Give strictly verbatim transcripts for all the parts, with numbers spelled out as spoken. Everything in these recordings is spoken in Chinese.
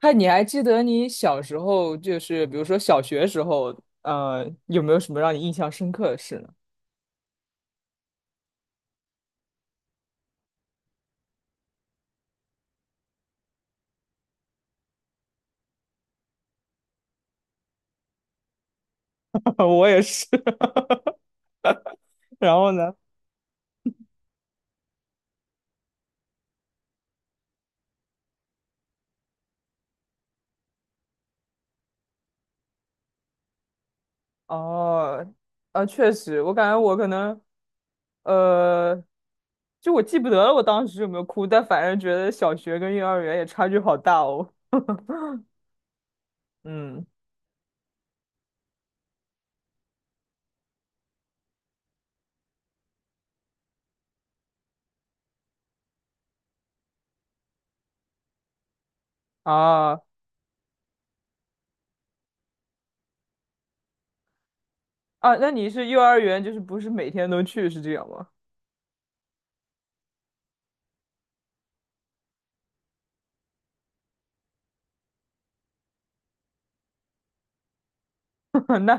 嗨，你还记得你小时候，就是比如说小学时候，呃，有没有什么让你印象深刻的事呢？我也是。然后呢？哦，啊，确实，我感觉我可能，呃，就我记不得了，我当时有没有哭，但反正觉得小学跟幼儿园也差距好大哦。嗯，啊啊，那你是幼儿园，就是不是每天都去，是这样吗？那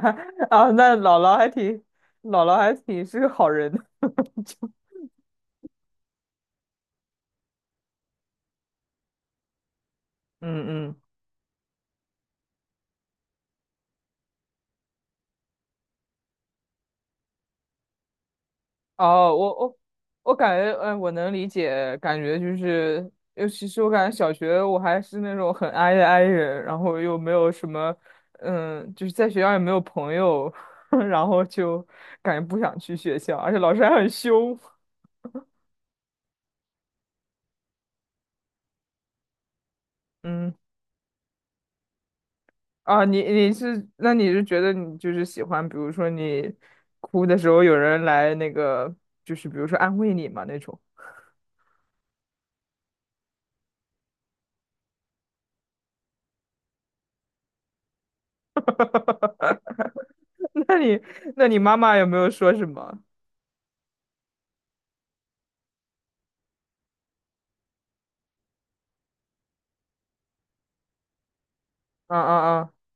啊，那姥姥还挺，姥姥还挺是个好人的。嗯哦，我我我感觉，嗯、我能理解，感觉就是，尤其是我感觉小学我还是那种很 i 的 i 人，然后又没有什么，嗯，就是在学校也没有朋友，然后就感觉不想去学校，而且老师还很凶。嗯，啊，你你是，那你是觉得你就是喜欢，比如说你哭的时候有人来那个，就是比如说安慰你嘛那种。那你那你妈妈有没有说什么？嗯嗯嗯。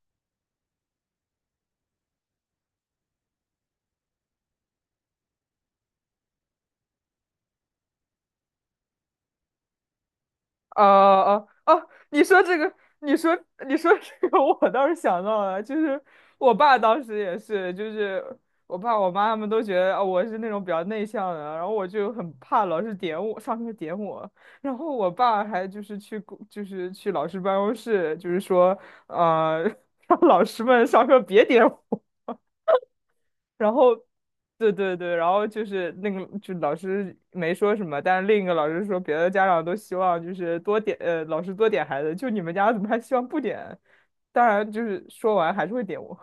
哦哦哦，你说这个，你说你说这个，我倒是想到了，就是我爸当时也是，就是我爸我妈他们都觉得啊我是那种比较内向的，然后我就很怕老师点我，上课点我，然后我爸还就是去公就是去老师办公室，就是说呃 让老师们上课别点我，然后，对对对，然后就是那个，就老师没说什么，但是另一个老师说，别的家长都希望就是多点，呃，老师多点孩子，就你们家怎么还希望不点？当然，就是说完还是会点我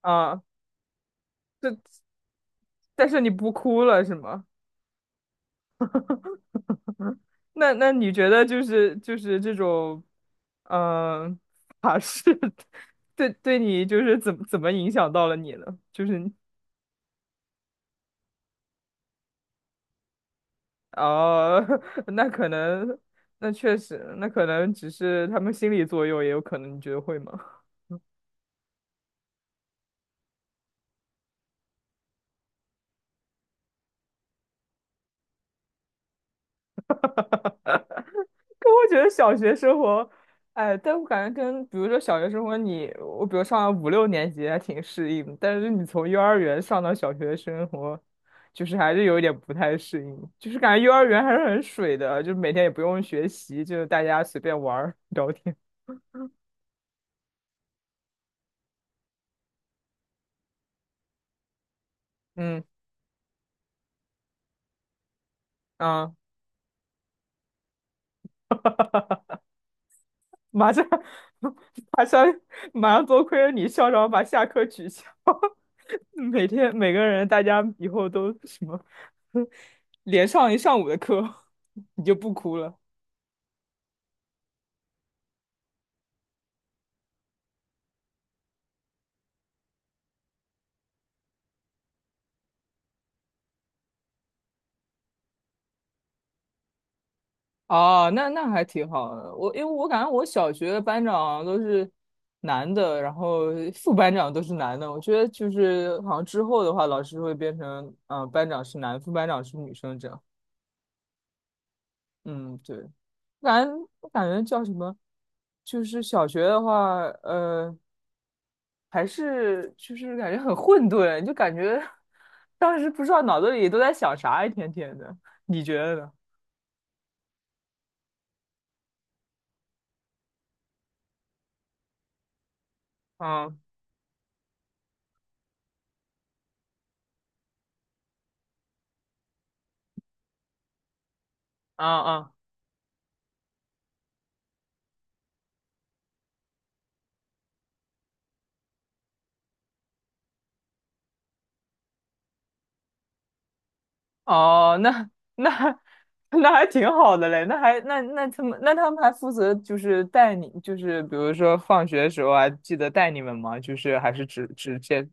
啊，但是你不哭了是吗？那那你觉得就是就是这种，嗯、法式 对对你就是怎么怎么影响到了你呢？就是哦，那可能，那确实，那可能只是他们心理作用，也有可能，你觉得会吗？哈哈哈可我觉得小学生活，哎，但我感觉跟比如说小学生活你，我比如上了五六年级还挺适应，但是你从幼儿园上到小学生活，就是还是有一点不太适应，就是感觉幼儿园还是很水的，就每天也不用学习，就是大家随便玩儿聊天。嗯啊。马上 马上马上多亏了你校长把下课取消，每天每个人大家以后都什么 连上一上午的课，你就不哭了。哦，那那还挺好的。我因为我感觉我小学的班长都是男的，然后副班长都是男的。我觉得就是好像之后的话，老师会变成嗯、呃班长是男，副班长是女生这样。嗯，对。我感觉我感觉叫什么？就是小学的话，呃。还是就是感觉很混沌，就感觉当时不知道脑子里都在想啥，一天天的。你觉得呢？嗯嗯嗯，哦，那那 那还挺好的嘞，那还那那他们那他们还负责就是带你，就是比如说放学的时候还记得带你们吗？就是还是只只见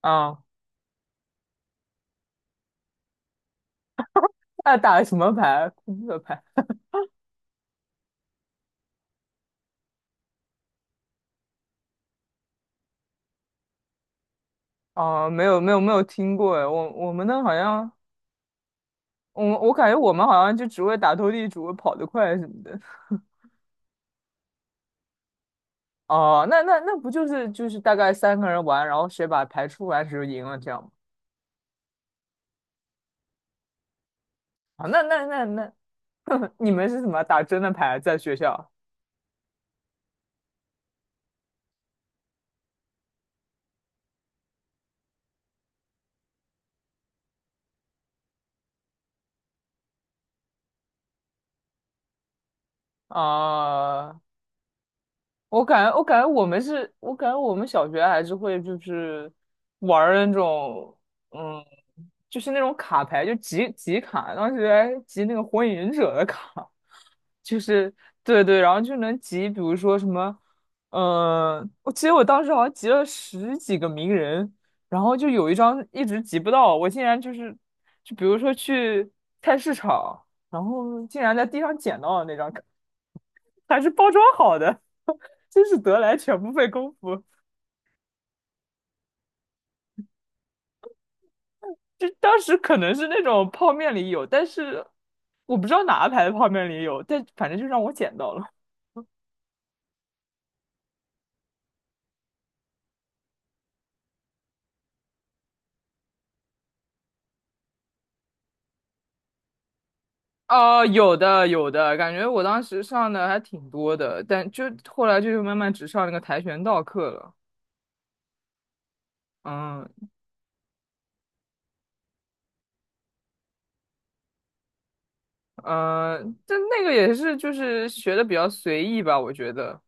啊，那打了什么牌？扑克牌？哦，没有没有没有听过哎，我我们那好像我我感觉我们好像就只会打斗地主、跑得快什么的。哦，那那那不就是就是大概三个人玩，然后谁把牌出完谁就赢了这样吗？啊，那那那那，你们是怎么打真的牌在学校？啊、我感觉，我感觉我们是，我感觉我们小学还是会就是玩儿那种，嗯，就是那种卡牌，就集集卡，当时还集那个火影忍者的卡，就是对对，然后就能集，比如说什么，嗯、我记得我当时好像集了十几个鸣人，然后就有一张一直集不到，我竟然就是，就比如说去菜市场，然后竟然在地上捡到了那张卡，还是包装好的。真是得来全不费工夫。就当时可能是那种泡面里有，但是我不知道哪个牌子泡面里有，但反正就让我捡到了。哦，有的有的，感觉我当时上的还挺多的，但就后来就是慢慢只上那个跆拳道课了。嗯嗯，但那个也是就是学的比较随意吧，我觉得。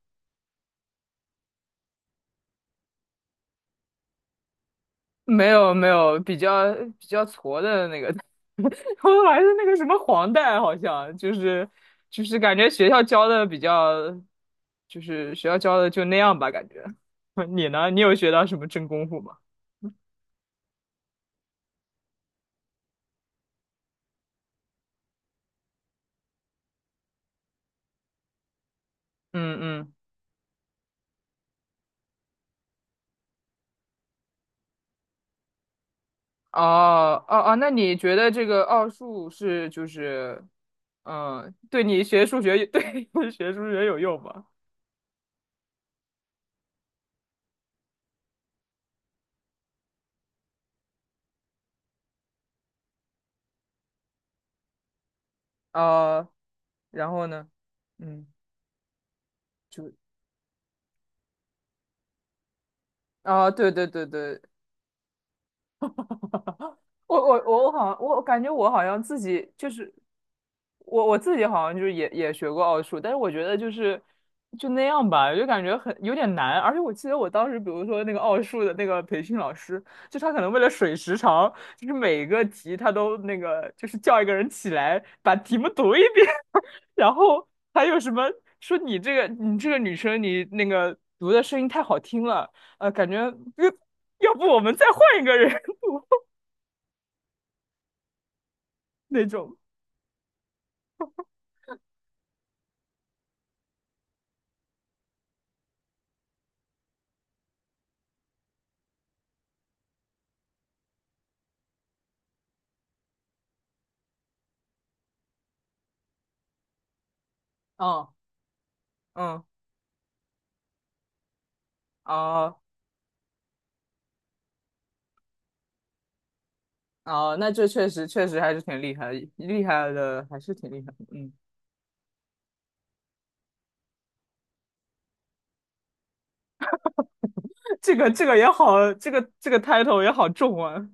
没有没有，比较比较矬的那个，我还是那个什么黄带，好像就是就是感觉学校教的比较，就是学校教的就那样吧，感觉。你呢？你有学到什么真功夫吗？嗯嗯，哦哦哦，那你觉得这个奥数是就是，嗯，对你学数学 对学数学有用吗？啊、然后呢？嗯，就啊、对对对对，我我我我好像我我感觉我好像自己就是我我自己好像就是也也学过奥数，但是我觉得就是就那样吧，就感觉很有点难。而且我记得我当时，比如说那个奥数的那个培训老师，就他可能为了水时长，就是每一个题他都那个就是叫一个人起来把题目读一遍，然后还有什么说你这个你这个女生你那个读的声音太好听了，呃，感觉呃要不我们再换一个人 那种。嗯嗯，哦哦，那这确实确实还是挺厉害，厉害的还是挺厉害的。嗯，这个这个也好，这个这个 title 也好重啊。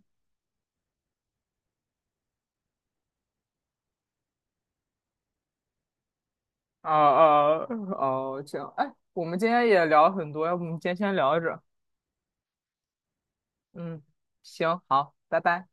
哦哦哦，这样。哎，我们今天也聊很多，要不我们今天先聊着。嗯，行，好，拜拜。